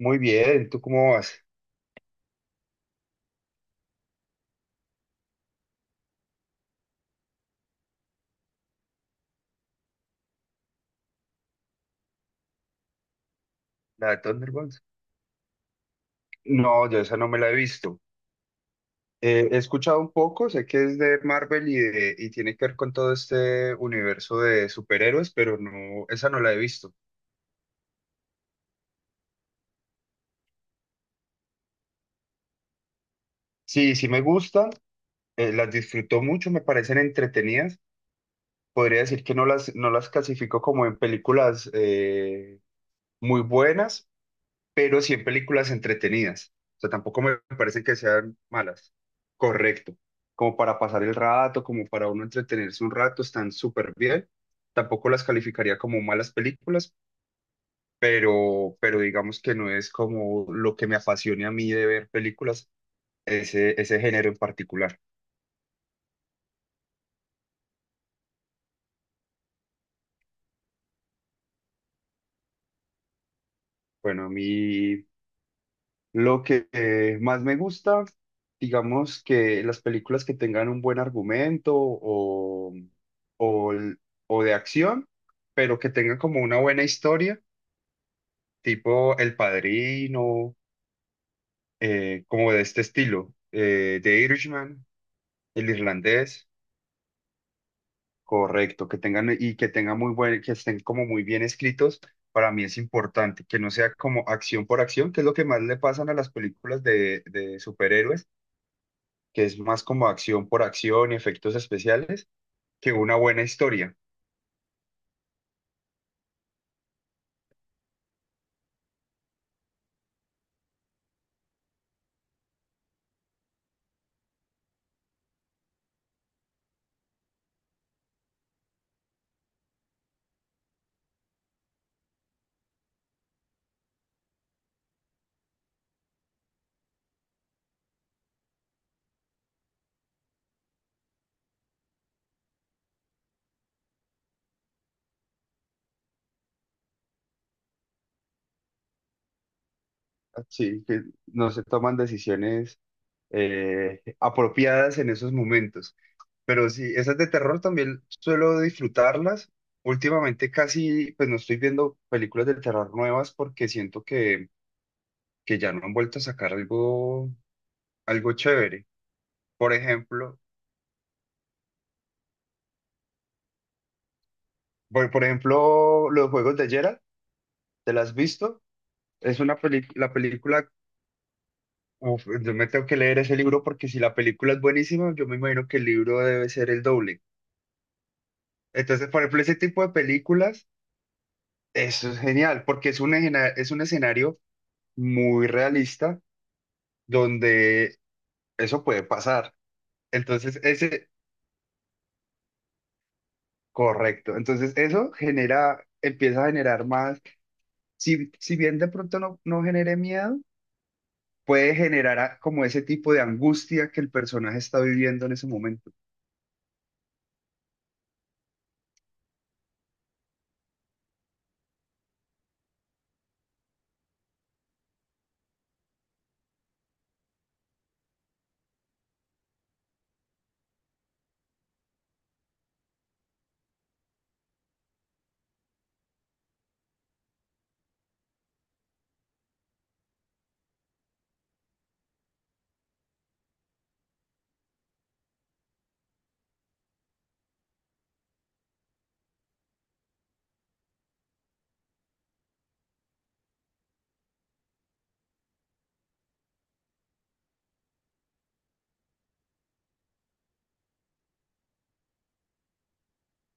Muy bien, ¿tú cómo vas? La de Thunderbolts. No, yo esa no me la he visto. He escuchado un poco, sé que es de Marvel y, y tiene que ver con todo este universo de superhéroes, pero no, esa no la he visto. Sí, sí me gustan, las disfruto mucho, me parecen entretenidas. Podría decir que no las clasifico como en películas muy buenas, pero sí en películas entretenidas. O sea, tampoco me parecen que sean malas. Correcto. Como para pasar el rato, como para uno entretenerse un rato, están súper bien. Tampoco las calificaría como malas películas, pero digamos que no es como lo que me apasione a mí de ver películas, ese género en particular. Bueno, a mí lo que más me gusta, digamos que las películas que tengan un buen argumento o, el- o de acción, pero que tengan como una buena historia, tipo El Padrino, como de este estilo, The Irishman, El Irlandés, correcto, que tengan muy buen, que estén como muy bien escritos, para mí es importante, que no sea como acción por acción, que es lo que más le pasan a las películas de superhéroes, que es más como acción por acción y efectos especiales que una buena historia. Sí, que no se toman decisiones apropiadas en esos momentos. Pero sí, esas de terror también suelo disfrutarlas. Últimamente casi, pues no estoy viendo películas de terror nuevas porque siento que ya no han vuelto a sacar algo, algo chévere. Por ejemplo, por ejemplo, los juegos de Geralt, ¿te las has visto? La película, uf, yo me tengo que leer ese libro porque si la película es buenísima, yo me imagino que el libro debe ser el doble. Entonces, por ejemplo, ese tipo de películas, eso es genial, porque es es un escenario muy realista donde eso puede pasar. Entonces, ese, correcto. Entonces, eso genera, empieza a generar más, si bien de pronto no genere miedo, puede generar como ese tipo de angustia que el personaje está viviendo en ese momento.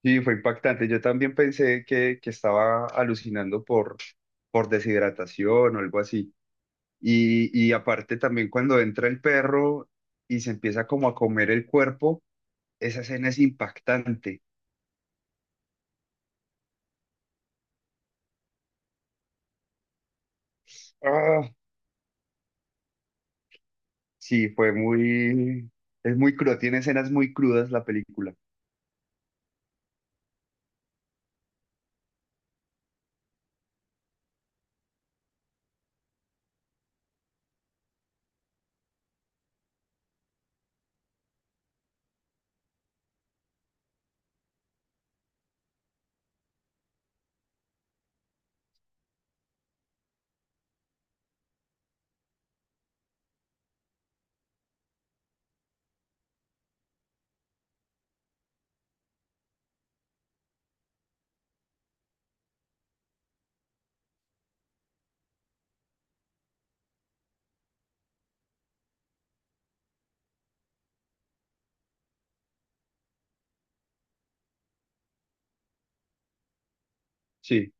Sí, fue impactante. Yo también pensé que estaba alucinando por deshidratación o algo así. Y aparte también cuando entra el perro y se empieza como a comer el cuerpo, esa escena es impactante. Ah, sí, fue muy, es muy cruda, tiene escenas muy crudas la película. Sí,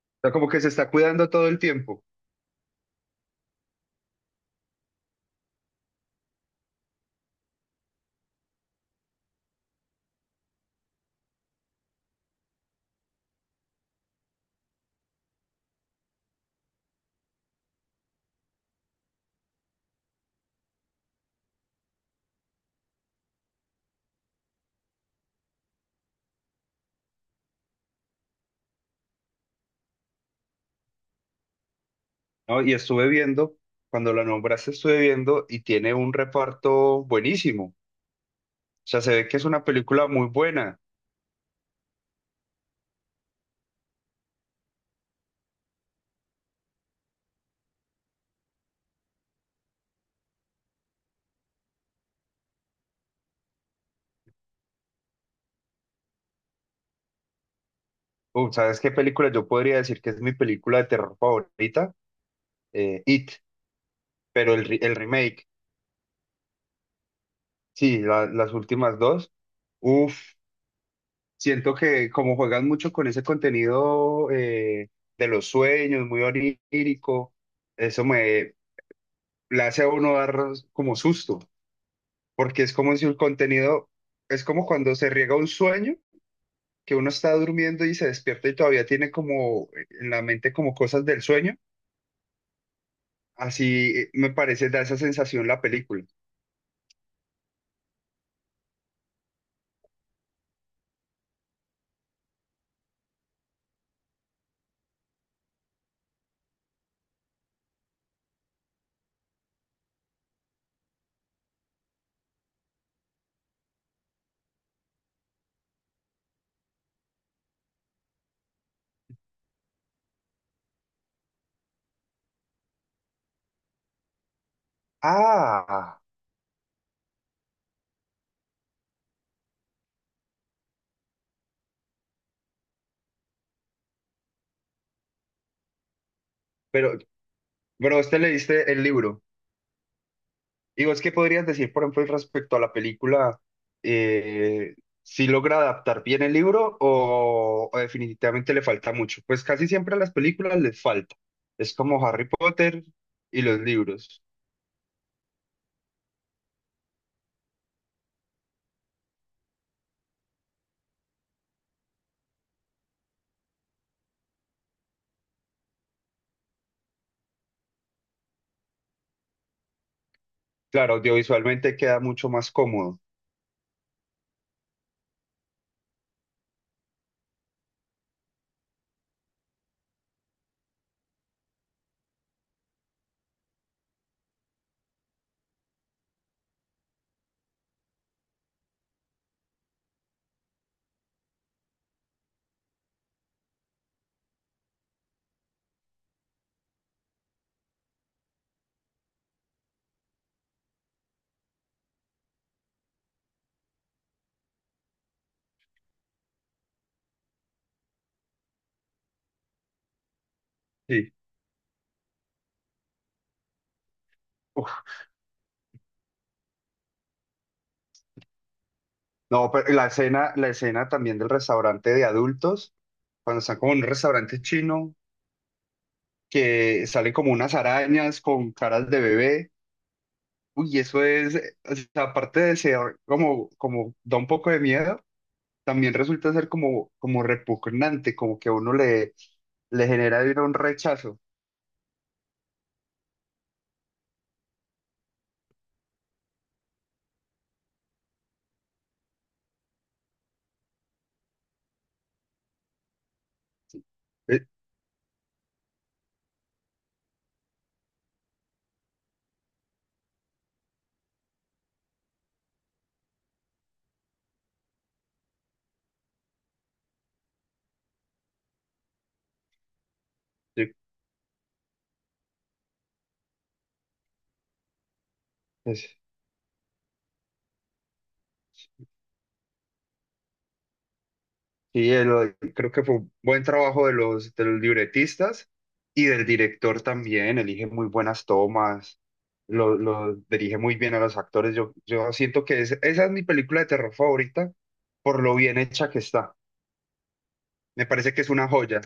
o sea, como que se está cuidando todo el tiempo, ¿no? Y estuve viendo, cuando la nombraste estuve viendo y tiene un reparto buenísimo. O sea, se ve que es una película muy buena. Uf, ¿sabes qué película? Yo podría decir que es mi película de terror favorita, It, pero el remake, sí, las últimas dos. Uf, siento que como juegan mucho con ese contenido de los sueños, muy onírico, eso me le hace a uno dar como susto, porque es como si el contenido, es como cuando se riega un sueño, que uno está durmiendo y se despierta y todavía tiene como en la mente como cosas del sueño. Así me parece, da esa sensación la película. Ah, pero, pero usted leíste el libro. Digo, es que podrías decir, por ejemplo, respecto a la película, eh, si logra adaptar bien el libro o definitivamente le falta mucho. Pues casi siempre a las películas les falta. Es como Harry Potter y los libros. Claro, audiovisualmente queda mucho más cómodo. Sí. Uf, no, pero la escena también del restaurante de adultos, cuando están como en un restaurante chino que salen como unas arañas con caras de bebé. Uy, eso es, o sea, aparte de ser como, como da un poco de miedo, también resulta ser como, como repugnante, como que a uno le, le genera de una un rechazo. Eh, sí, pues, sí, creo que fue un buen trabajo de los libretistas y del director también, elige muy buenas tomas. Lo dirige muy bien a los actores. Yo siento que esa es mi película de terror favorita por lo bien hecha que está. Me parece que es una joya.